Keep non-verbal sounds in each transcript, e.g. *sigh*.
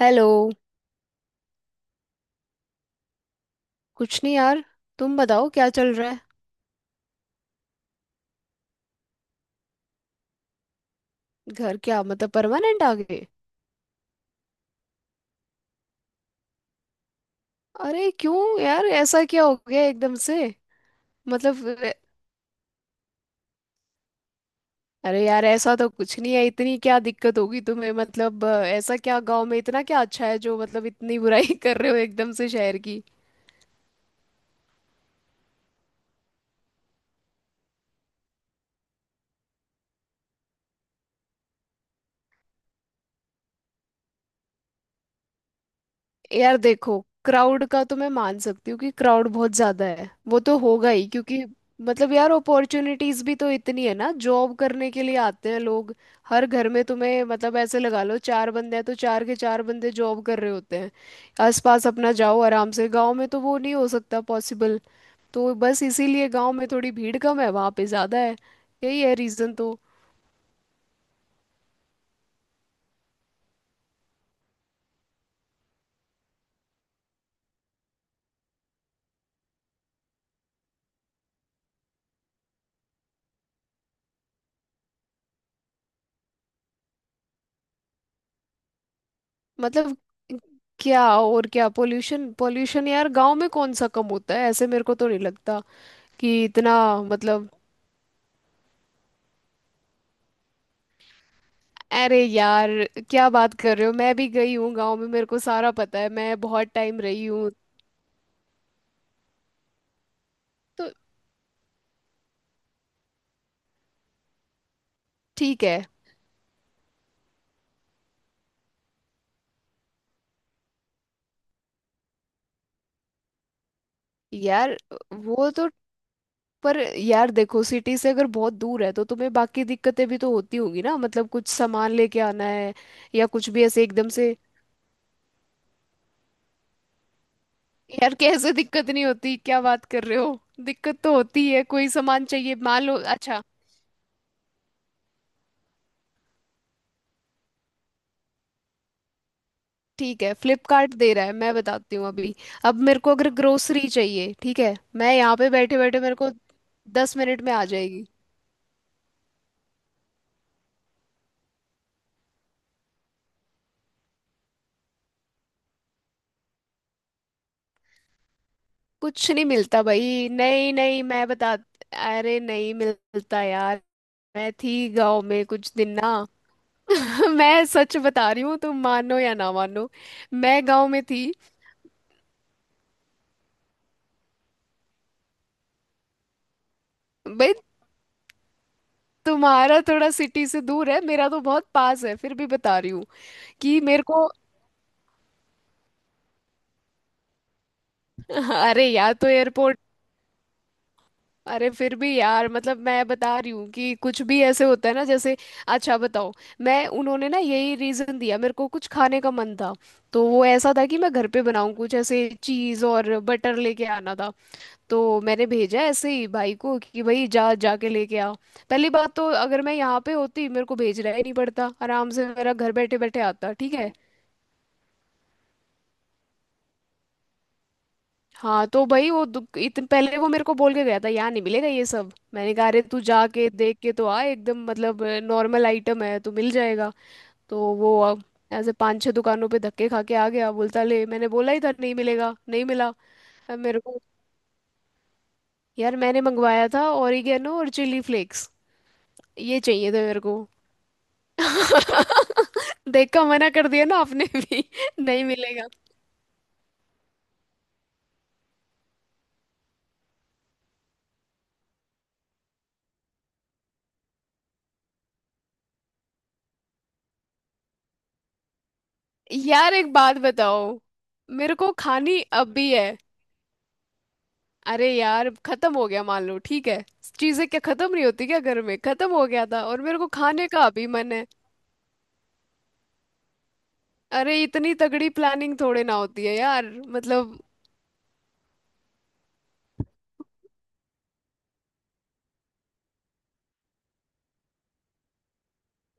Hello. कुछ नहीं यार, तुम बताओ क्या चल रहा है। घर क्या मतलब परमानेंट आ गए? अरे क्यों यार, ऐसा क्या हो गया एकदम से? मतलब अ, अरे यार, ऐसा तो कुछ नहीं है, इतनी क्या दिक्कत होगी तुम्हें। मतलब ऐसा क्या गांव में, इतना क्या अच्छा है जो मतलब इतनी बुराई *laughs* कर रहे हो एकदम से शहर की। यार देखो, क्राउड का तो मैं मान सकती हूँ कि क्राउड बहुत ज्यादा है, वो तो होगा ही क्योंकि मतलब यार अपॉर्चुनिटीज भी तो इतनी है ना, जॉब करने के लिए आते हैं लोग। हर घर में तुम्हें मतलब ऐसे लगा लो चार बंदे हैं तो चार के चार बंदे जॉब कर रहे होते हैं। आसपास अपना जाओ, आराम से, गांव में तो वो नहीं हो सकता पॉसिबल। तो बस इसीलिए गांव में थोड़ी भीड़ कम है, वहां पे ज्यादा है। यही है रीजन तो। मतलब क्या, और क्या पोल्यूशन पोल्यूशन, यार गांव में कौन सा कम होता है? ऐसे मेरे को तो नहीं लगता कि इतना। मतलब अरे यार, क्या बात कर रहे हो, मैं भी गई हूँ गांव में, मेरे को सारा पता है, मैं बहुत टाइम रही हूँ। तो ठीक है। यार वो तो, पर यार देखो, सिटी से अगर बहुत दूर है तो तुम्हें बाकी दिक्कतें भी तो होती होगी ना। मतलब कुछ सामान लेके आना है या कुछ भी ऐसे एकदम से। यार कैसे दिक्कत नहीं होती, क्या बात कर रहे हो? दिक्कत तो होती है, कोई सामान चाहिए मान लो। अच्छा ठीक है, फ्लिपकार्ट दे रहा है, मैं बताती हूँ अभी। अब मेरे को अगर ग्रोसरी चाहिए, ठीक है, मैं यहाँ पे बैठे बैठे, मेरे को 10 मिनट में आ जाएगी। कुछ नहीं मिलता भाई, नहीं नहीं, मैं बता, अरे नहीं मिलता यार, मैं थी गांव में कुछ दिन ना। *laughs* मैं सच बता रही हूँ, तुम मानो या ना मानो, मैं गांव में थी। भाई तुम्हारा थोड़ा सिटी से दूर है, मेरा तो बहुत पास है, फिर भी बता रही हूँ कि मेरे को *laughs* अरे यार तो एयरपोर्ट, अरे फिर भी यार, मतलब मैं बता रही हूँ कि कुछ भी ऐसे होता है ना, जैसे अच्छा बताओ, मैं उन्होंने ना यही रीज़न दिया मेरे को। कुछ खाने का मन था तो वो ऐसा था कि मैं घर पे बनाऊँ कुछ ऐसे चीज़, और बटर लेके आना था। तो मैंने भेजा ऐसे ही भाई को कि भाई जा, जाके लेके आ। पहली बात तो अगर मैं यहाँ पे होती मेरे को भेजना ही नहीं पड़ता, आराम से मेरा घर बैठे बैठे आता। ठीक है, हाँ तो भाई वो पहले वो मेरे को बोल के गया था यहाँ नहीं मिलेगा ये सब। मैंने कहा अरे तू जाके देख के तो आ, एकदम मतलब नॉर्मल आइटम है तो मिल जाएगा। तो वो अब ऐसे पांच छह दुकानों पे धक्के खा के आ गया, बोलता ले, मैंने बोला ही था नहीं मिलेगा, नहीं मिला। अब मेरे को, यार मैंने मंगवाया था ओरिगेनो और चिली फ्लेक्स, ये चाहिए थे मेरे को। देख का मना कर दिया ना आपने भी *laughs* नहीं मिलेगा। यार एक बात बताओ, मेरे को खानी अभी है। अरे यार, खत्म हो गया मान लो, ठीक है, चीजें क्या खत्म नहीं होती क्या? घर में खत्म हो गया था और मेरे को खाने का अभी मन है। अरे इतनी तगड़ी प्लानिंग थोड़े ना होती है यार। मतलब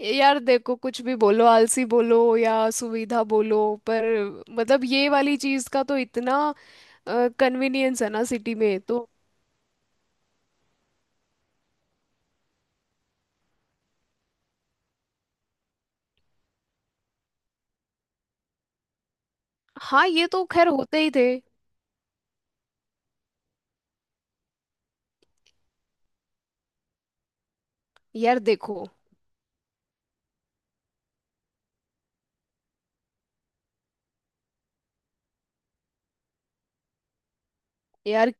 यार देखो, कुछ भी बोलो, आलसी बोलो या सुविधा बोलो, पर मतलब ये वाली चीज का तो इतना कन्वीनियंस है ना सिटी में तो। हाँ ये तो खैर होते ही थे। यार देखो, यार,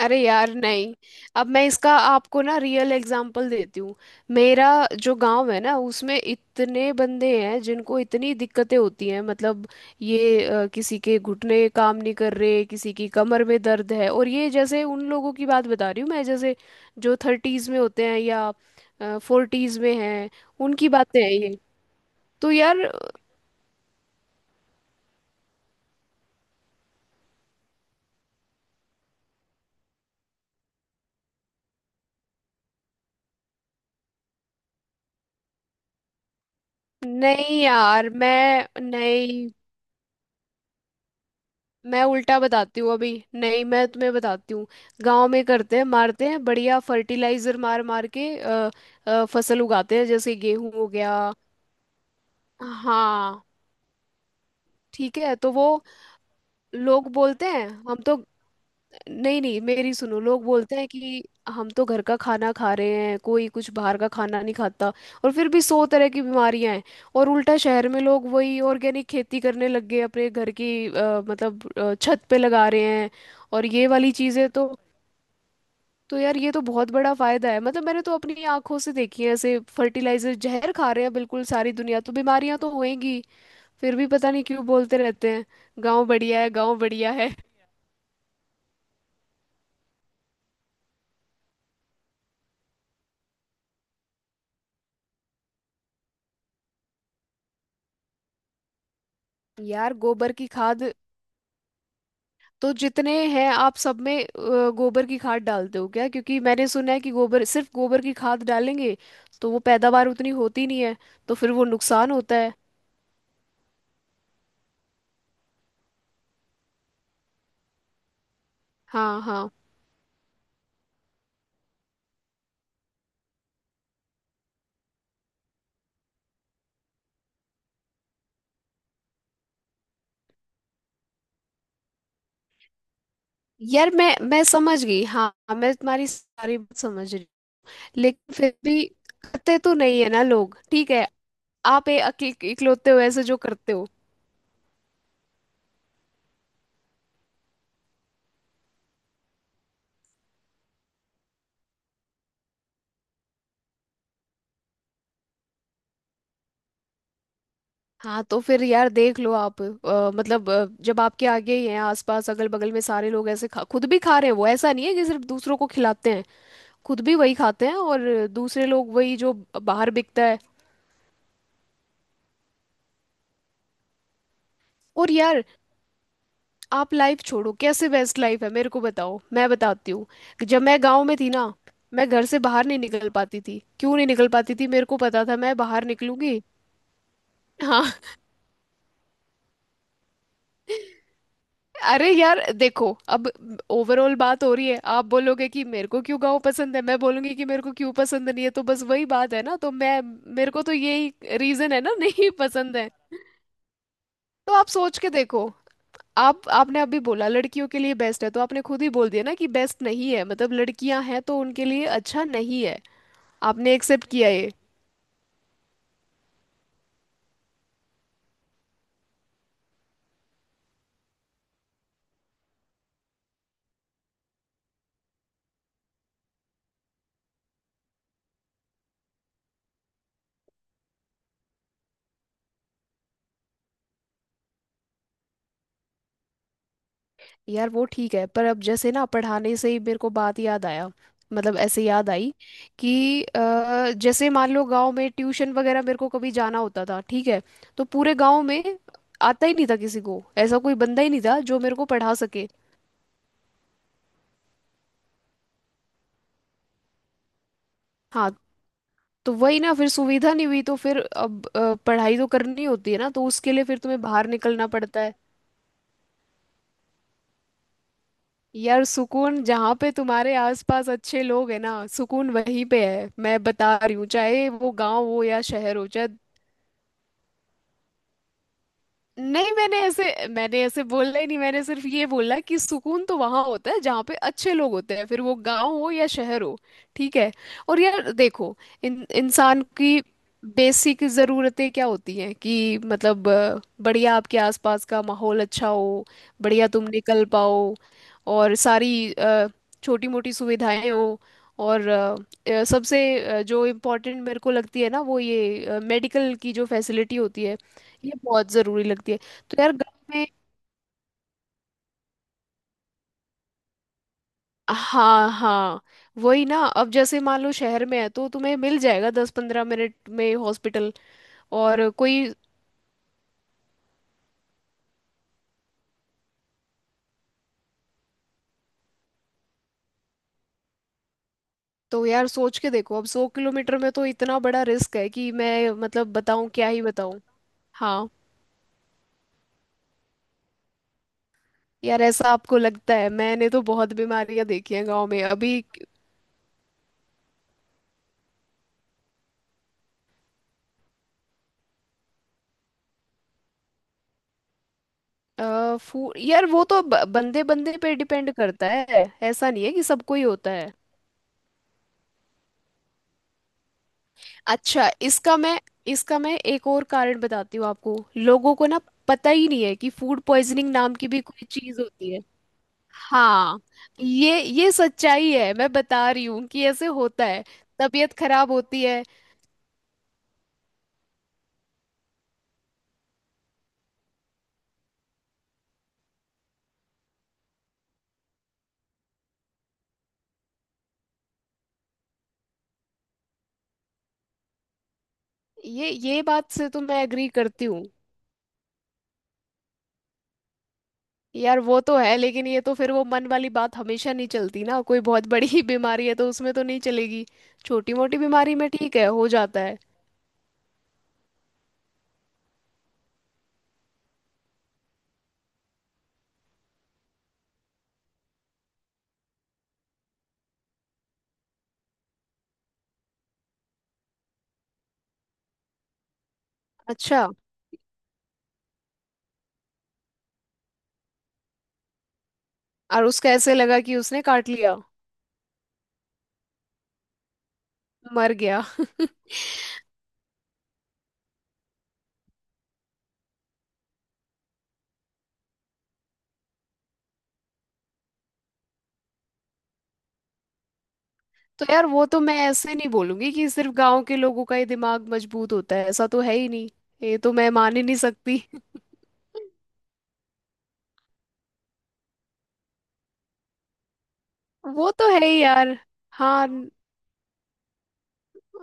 अरे यार नहीं, अब मैं इसका आपको ना रियल एग्जाम्पल देती हूँ। मेरा जो गांव है ना, उसमें इतने बंदे हैं जिनको इतनी दिक्कतें होती हैं। मतलब ये किसी के घुटने काम नहीं कर रहे, किसी की कमर में दर्द है, और ये जैसे उन लोगों की बात बता रही हूँ मैं जैसे जो थर्टीज में होते हैं या फोर्टीज में हैं। उनकी बातें हैं ये। तो यार नहीं यार, मैं नहीं मैं उल्टा बताती हूँ अभी। नहीं, मैं तुम्हें बताती हूँ, गांव में करते हैं, मारते हैं बढ़िया फर्टिलाइजर मार मार के। फसल उगाते हैं, जैसे गेहूं हो गया। हाँ ठीक है। तो वो लोग बोलते हैं, हम तो, नहीं नहीं मेरी सुनो, लोग बोलते हैं कि हम तो घर का खाना खा रहे हैं, कोई कुछ बाहर का खाना नहीं खाता, और फिर भी सौ तरह की बीमारियां हैं। और उल्टा शहर में लोग वही ऑर्गेनिक खेती करने लग गए, अपने घर की मतलब छत पे लगा रहे हैं। और ये वाली चीजें तो यार ये तो बहुत बड़ा फायदा है। मतलब मैंने तो अपनी आंखों से देखी है, ऐसे फर्टिलाइजर जहर खा रहे हैं बिल्कुल सारी दुनिया, तो बीमारियां तो होएंगी। फिर भी पता नहीं क्यों बोलते रहते हैं गांव बढ़िया है, गांव बढ़िया है। यार गोबर की खाद, तो जितने हैं आप सब में गोबर की खाद डालते हो क्या? क्योंकि मैंने सुना है कि गोबर, सिर्फ गोबर की खाद डालेंगे तो वो पैदावार उतनी होती नहीं है, तो फिर वो नुकसान होता है। हाँ हाँ, यार मैं समझ गई। हाँ मैं तुम्हारी सारी बात समझ रही। लेकिन फिर भी करते तो नहीं है ना लोग, ठीक है। आप इकलौते हो ऐसे जो करते हो। हाँ तो फिर यार देख लो आप, मतलब जब आपके आगे ही हैं आसपास अगल बगल में, सारे लोग ऐसे खा, खुद भी खा रहे हैं, वो ऐसा नहीं है कि सिर्फ दूसरों को खिलाते हैं, खुद भी वही खाते हैं, और दूसरे लोग वही जो बाहर बिकता है। और यार आप लाइफ छोड़ो, कैसे बेस्ट लाइफ है मेरे को बताओ, मैं बताती हूँ। जब मैं गांव में थी ना, मैं घर से बाहर नहीं निकल पाती थी। क्यों नहीं निकल पाती थी? मेरे को पता था मैं बाहर निकलूंगी। हाँ, अरे यार देखो, अब ओवरऑल बात हो रही है। आप बोलोगे कि मेरे को क्यों गाँव पसंद है, मैं बोलूंगी कि मेरे को क्यों पसंद नहीं है, तो बस वही बात है ना। तो मैं, मेरे को तो यही रीजन है ना *laughs* नहीं पसंद है। तो आप सोच के देखो, आप आपने अभी बोला लड़कियों के लिए बेस्ट है, तो आपने खुद ही बोल दिया ना कि बेस्ट नहीं है, मतलब लड़कियां हैं तो उनके लिए अच्छा नहीं है। आपने एक्सेप्ट किया ये। यार वो ठीक है पर अब जैसे ना, पढ़ाने से ही मेरे को बात याद आया, मतलब ऐसे याद आई कि जैसे मान लो गांव में ट्यूशन वगैरह मेरे को कभी जाना होता था, ठीक है, तो पूरे गांव में आता ही नहीं था किसी को, ऐसा कोई बंदा ही नहीं था जो मेरे को पढ़ा सके। हाँ तो वही ना, फिर सुविधा नहीं हुई तो फिर अब पढ़ाई तो करनी होती है ना, तो उसके लिए फिर तुम्हें बाहर निकलना पड़ता है। यार सुकून जहाँ पे तुम्हारे आसपास अच्छे लोग हैं ना, सुकून वहीं पे है, मैं बता रही हूँ, चाहे वो गांव हो या शहर हो, चाहे नहीं। मैंने ऐसे बोला ही नहीं, मैंने सिर्फ ये बोला कि सुकून तो वहां होता है जहाँ पे अच्छे लोग होते हैं, फिर वो गांव हो या शहर हो। ठीक है। और यार देखो इन इंसान की बेसिक ज़रूरतें क्या होती हैं कि मतलब बढ़िया आपके आसपास का माहौल अच्छा हो, बढ़िया तुम निकल पाओ, और सारी छोटी मोटी सुविधाएं हो। और सबसे जो इम्पोर्टेंट मेरे को लगती है ना, वो ये मेडिकल की जो फैसिलिटी होती है, ये बहुत जरूरी लगती है। तो यार गाँव में, हाँ हाँ, वही ना। अब जैसे मान लो शहर में है तो तुम्हें मिल जाएगा 10-15 मिनट में हॉस्पिटल। और कोई, तो यार सोच के देखो अब 100 किलोमीटर में तो इतना बड़ा रिस्क है कि मैं मतलब बताऊं क्या ही बताऊं। हाँ, यार ऐसा आपको लगता है? मैंने तो बहुत बीमारियां देखी हैं गांव में अभी। आ, फू यार वो तो बंदे बंदे पे डिपेंड करता है, ऐसा नहीं है कि सबको ही होता है। अच्छा, इसका मैं एक और कारण बताती हूँ आपको। लोगों को ना पता ही नहीं है कि फूड पॉइजनिंग नाम की भी कोई चीज होती है। हाँ, ये सच्चाई है, मैं बता रही हूँ कि ऐसे होता है, तबीयत खराब होती है। ये बात से तो मैं एग्री करती हूँ। यार वो तो है, लेकिन ये तो फिर वो मन वाली बात हमेशा नहीं चलती ना, कोई बहुत बड़ी *laughs* बीमारी है तो उसमें तो नहीं चलेगी, छोटी मोटी बीमारी में ठीक है हो जाता है। अच्छा, और उसका ऐसे लगा कि उसने काट लिया, मर गया। तो यार वो तो मैं ऐसे नहीं बोलूंगी कि सिर्फ गांव के लोगों का ही दिमाग मजबूत होता है, ऐसा तो है ही नहीं, ये तो मैं मान ही नहीं सकती। *laughs* वो तो है ही यार। हाँ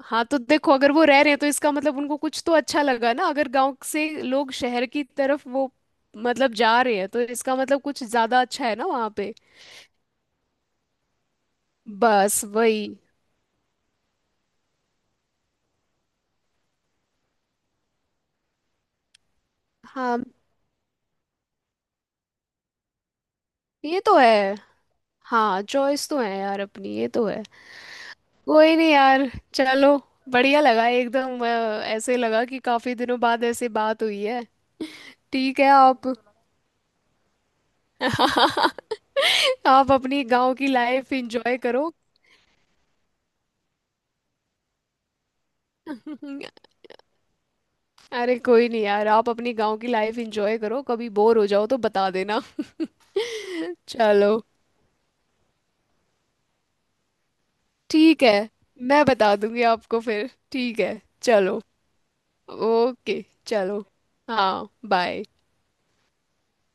हाँ तो देखो, अगर वो रह रहे हैं तो इसका मतलब उनको कुछ तो अच्छा लगा ना। अगर गांव से लोग शहर की तरफ वो मतलब जा रहे हैं, तो इसका मतलब कुछ ज्यादा अच्छा है ना वहाँ पे। बस वही। हाँ ये तो है। हाँ चॉइस तो है यार अपनी, ये तो है। कोई नहीं यार, चलो, बढ़िया लगा एकदम। ऐसे लगा कि काफी दिनों बाद ऐसे बात हुई है। ठीक है आप, *laughs* आप अपनी गांव की लाइफ एंजॉय करो। *laughs* अरे कोई नहीं यार, आप अपनी गांव की लाइफ एंजॉय करो, कभी बोर हो जाओ तो बता देना। *laughs* चलो, ठीक है, मैं बता दूंगी आपको फिर। ठीक है चलो। ओके चलो। हाँ बाय।